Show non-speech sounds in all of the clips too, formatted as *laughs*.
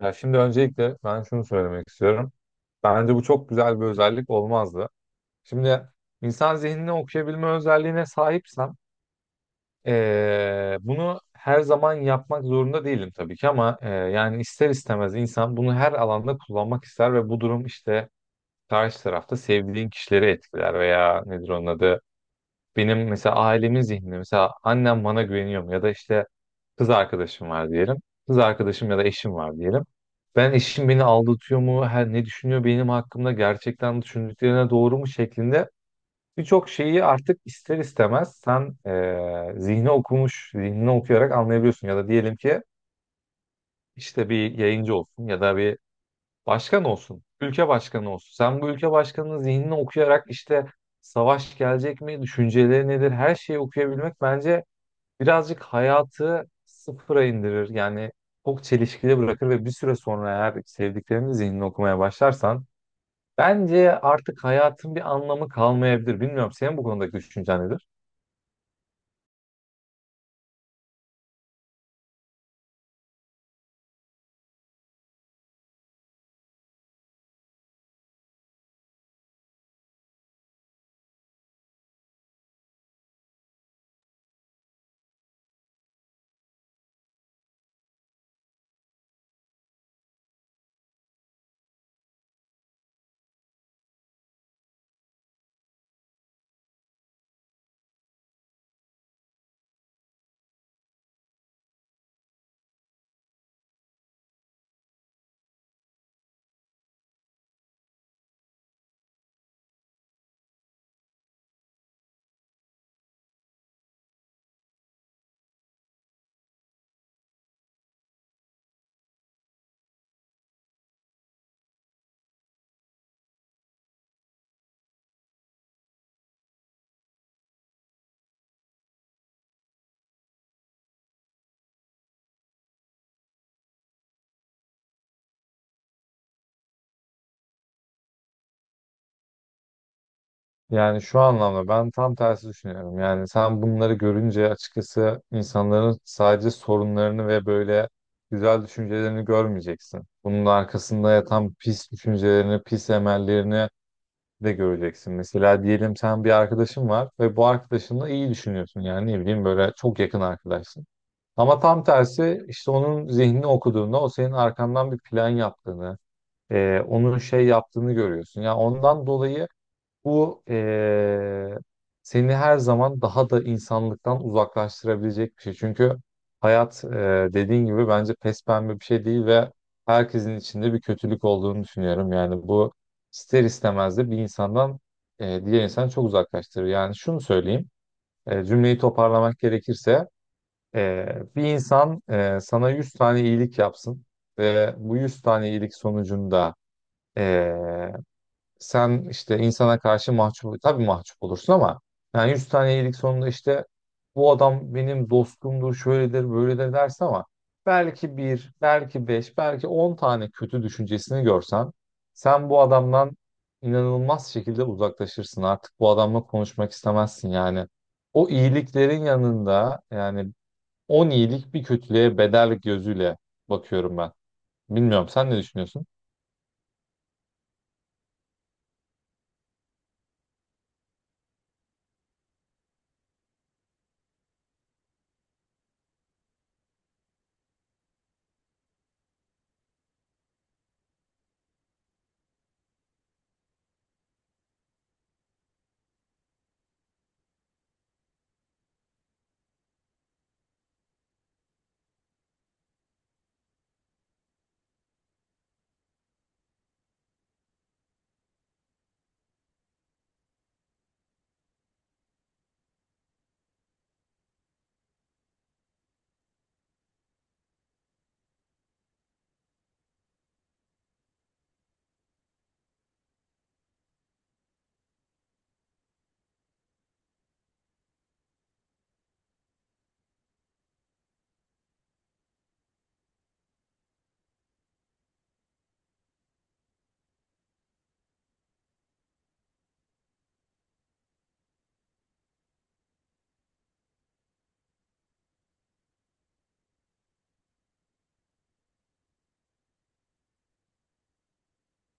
Ya şimdi öncelikle ben şunu söylemek istiyorum. Bence bu çok güzel bir özellik olmazdı. Şimdi insan zihnini okuyabilme özelliğine sahipsem bunu her zaman yapmak zorunda değilim tabii ki, ama yani ister istemez insan bunu her alanda kullanmak ister ve bu durum işte karşı tarafta sevdiğin kişileri etkiler. Veya nedir onun adı, benim mesela ailemin zihninde, mesela annem bana güveniyor mu, ya da işte kız arkadaşım var diyelim. Kız arkadaşım ya da eşim var diyelim. Ben eşim beni aldatıyor mu, her ne düşünüyor benim hakkımda, gerçekten düşündüklerine doğru mu şeklinde birçok şeyi artık ister istemez sen zihnini okuyarak anlayabiliyorsun. Ya da diyelim ki işte bir yayıncı olsun ya da bir başkan olsun, ülke başkanı olsun. Sen bu ülke başkanının zihnini okuyarak işte savaş gelecek mi, düşünceleri nedir, her şeyi okuyabilmek bence birazcık hayatı sıfıra indirir. Yani çok çelişkili bırakır ve bir süre sonra eğer sevdiklerinin zihnini okumaya başlarsan bence artık hayatın bir anlamı kalmayabilir. Bilmiyorum, senin bu konudaki düşüncen nedir? Yani şu anlamda ben tam tersi düşünüyorum. Yani sen bunları görünce açıkçası insanların sadece sorunlarını ve böyle güzel düşüncelerini görmeyeceksin. Bunun arkasında yatan pis düşüncelerini, pis emellerini de göreceksin. Mesela diyelim sen bir arkadaşın var ve bu arkadaşınla iyi düşünüyorsun. Yani ne bileyim böyle çok yakın arkadaşsın. Ama tam tersi işte onun zihnini okuduğunda o senin arkandan bir plan yaptığını, onun şey yaptığını görüyorsun. Ya ondan dolayı bu seni her zaman daha da insanlıktan uzaklaştırabilecek bir şey. Çünkü hayat dediğin gibi bence pespembe bir şey değil ve herkesin içinde bir kötülük olduğunu düşünüyorum. Yani bu ister istemez de bir insandan diğer insanı çok uzaklaştırır. Yani şunu söyleyeyim, cümleyi toparlamak gerekirse bir insan sana 100 tane iyilik yapsın ve bu 100 tane iyilik sonucunda sen işte insana karşı mahcup, tabii mahcup olursun, ama yani 100 tane iyilik sonunda işte bu adam benim dostumdur, şöyledir, böyledir dersin. Ama belki bir, belki beş, belki 10 tane kötü düşüncesini görsen sen bu adamdan inanılmaz şekilde uzaklaşırsın. Artık bu adamla konuşmak istemezsin yani. O iyiliklerin yanında yani 10 iyilik bir kötülüğe bedel gözüyle bakıyorum ben. Bilmiyorum, sen ne düşünüyorsun?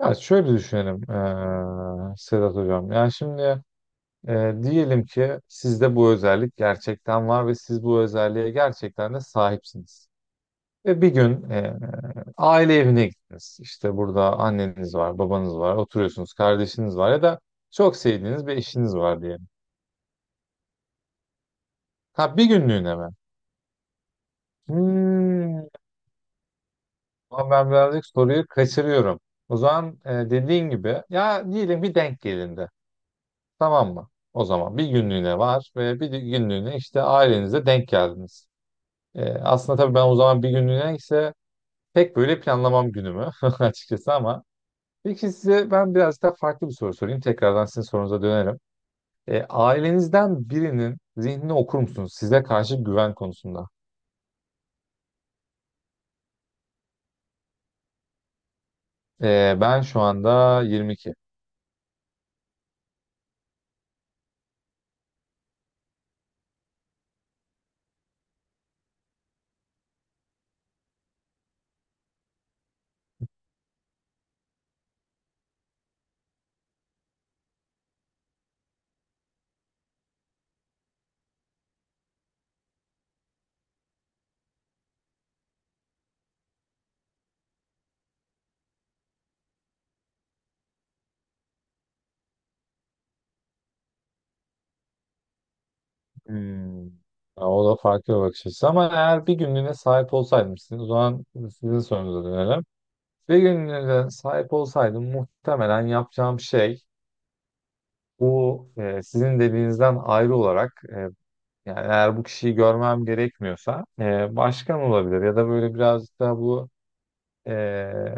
Ya şöyle düşünelim Sedat Hocam. Yani şimdi diyelim ki sizde bu özellik gerçekten var ve siz bu özelliğe gerçekten de sahipsiniz. Ve bir gün aile evine gittiniz. İşte burada anneniz var, babanız var, oturuyorsunuz, kardeşiniz var ya da çok sevdiğiniz bir eşiniz var diyelim. Ha, bir günlüğüne mi? Hmm, ama ben birazcık soruyu kaçırıyorum. O zaman dediğin gibi ya diyelim bir denk gelindi. Tamam mı? O zaman bir günlüğüne var ve günlüğüne işte ailenize denk geldiniz. Aslında tabii ben o zaman bir günlüğüne ise pek böyle planlamam günümü *laughs* açıkçası, ama peki size ben biraz daha farklı bir soru sorayım. Tekrardan sizin sorunuza dönerim. Ailenizden birinin zihnini okur musunuz size karşı güven konusunda? Ben şu anda 22. Hmm. Ya, o da farklı bir bakış açısı, ama eğer bir günlüğüne sahip olsaydım sizin, o zaman sizin sorunuza dönelim. Bir günlüğüne sahip olsaydım muhtemelen yapacağım şey bu, e, sizin dediğinizden ayrı olarak, e, yani eğer bu kişiyi görmem gerekmiyorsa, e, başkan olabilir ya da böyle birazcık daha bu, e,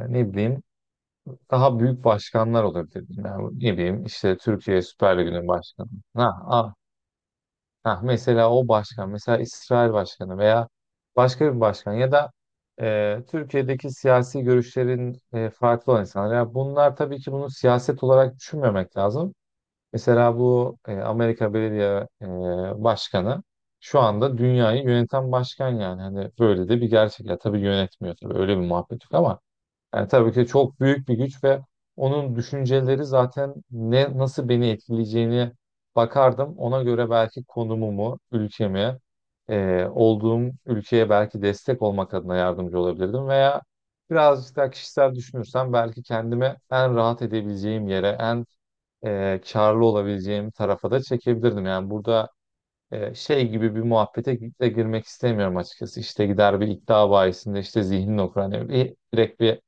ne bileyim daha büyük başkanlar olabilir. Yani, ne bileyim işte Türkiye Süper Ligi'nin başkanı. Ha, ha, mesela o başkan, mesela İsrail başkanı veya başka bir başkan ya da, e, Türkiye'deki siyasi görüşlerin, e, farklı olan insanlar. Ya bunlar tabii ki bunu siyaset olarak düşünmemek lazım. Mesela bu, e, Amerika Belediye, başkanı şu anda dünyayı yöneten başkan yani. Hani böyle de bir gerçek. Ya tabii yönetmiyor, tabii öyle bir muhabbet yok, ama yani tabii ki çok büyük bir güç ve onun düşünceleri zaten ne nasıl beni etkileyeceğini bakardım. Ona göre belki konumumu, ülkemi, olduğum ülkeye belki destek olmak adına yardımcı olabilirdim veya birazcık daha kişisel düşünürsem belki kendimi en rahat edebileceğim yere, en, karlı olabileceğim tarafa da çekebilirdim. Yani burada, şey gibi bir muhabbete de girmek istemiyorum açıkçası. İşte gider bir iddia bahisinde işte zihnini okur. Hani bir, direkt bir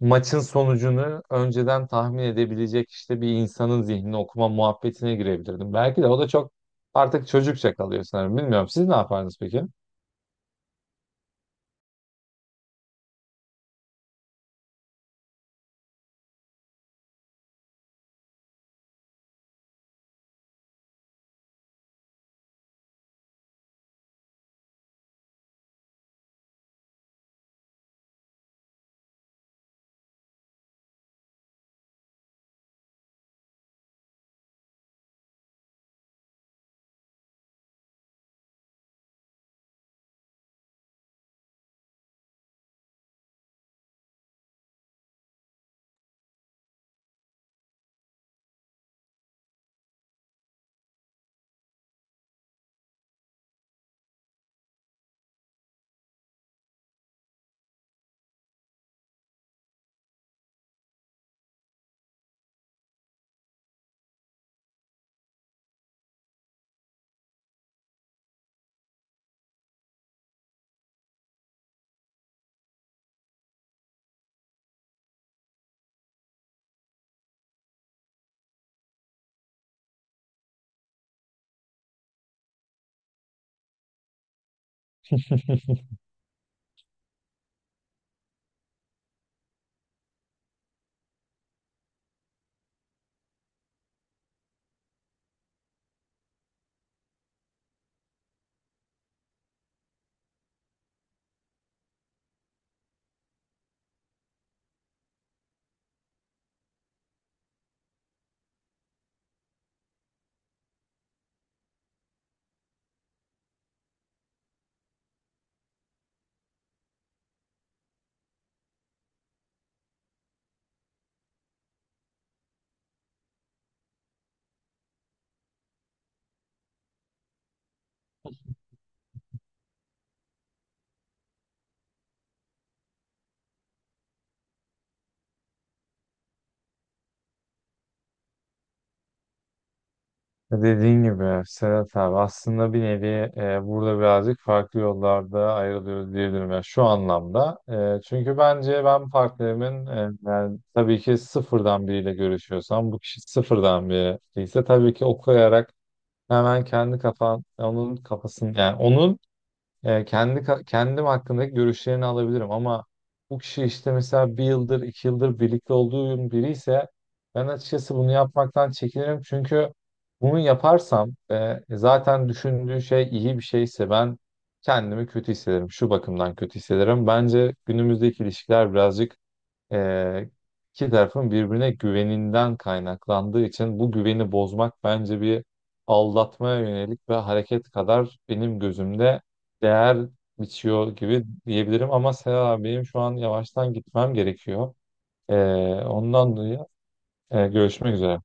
maçın sonucunu önceden tahmin edebilecek işte bir insanın zihnini okuma muhabbetine girebilirdim. Belki de o da çok artık çocukça kalıyor sanırım. Bilmiyorum. Siz ne yapardınız peki? *laughs* Dediğin gibi Sedat abi aslında bir nevi, burada birazcık farklı yollarda ayrılıyoruz diyebilirim. Yani şu anlamda, e, çünkü bence ben partnerimin, yani tabii ki sıfırdan biriyle görüşüyorsam, bu kişi sıfırdan biri ise tabii ki okuyarak hemen kendi kafan onun kafasını, yani onun, kendim hakkındaki görüşlerini alabilirim, ama bu kişi işte mesela bir yıldır, iki yıldır birlikte olduğum biri ise ben açıkçası bunu yapmaktan çekinirim çünkü bunu yaparsam, zaten düşündüğü şey iyi bir şeyse ben kendimi kötü hissederim. Şu bakımdan kötü hissederim. Bence günümüzdeki ilişkiler birazcık ee, iki tarafın birbirine güveninden kaynaklandığı için bu güveni bozmak bence bir aldatmaya yönelik ve hareket kadar benim gözümde değer biçiyor gibi diyebilirim. Ama Serap benim şu an yavaştan gitmem gerekiyor. Ee, Ondan dolayı, e, görüşmek üzere.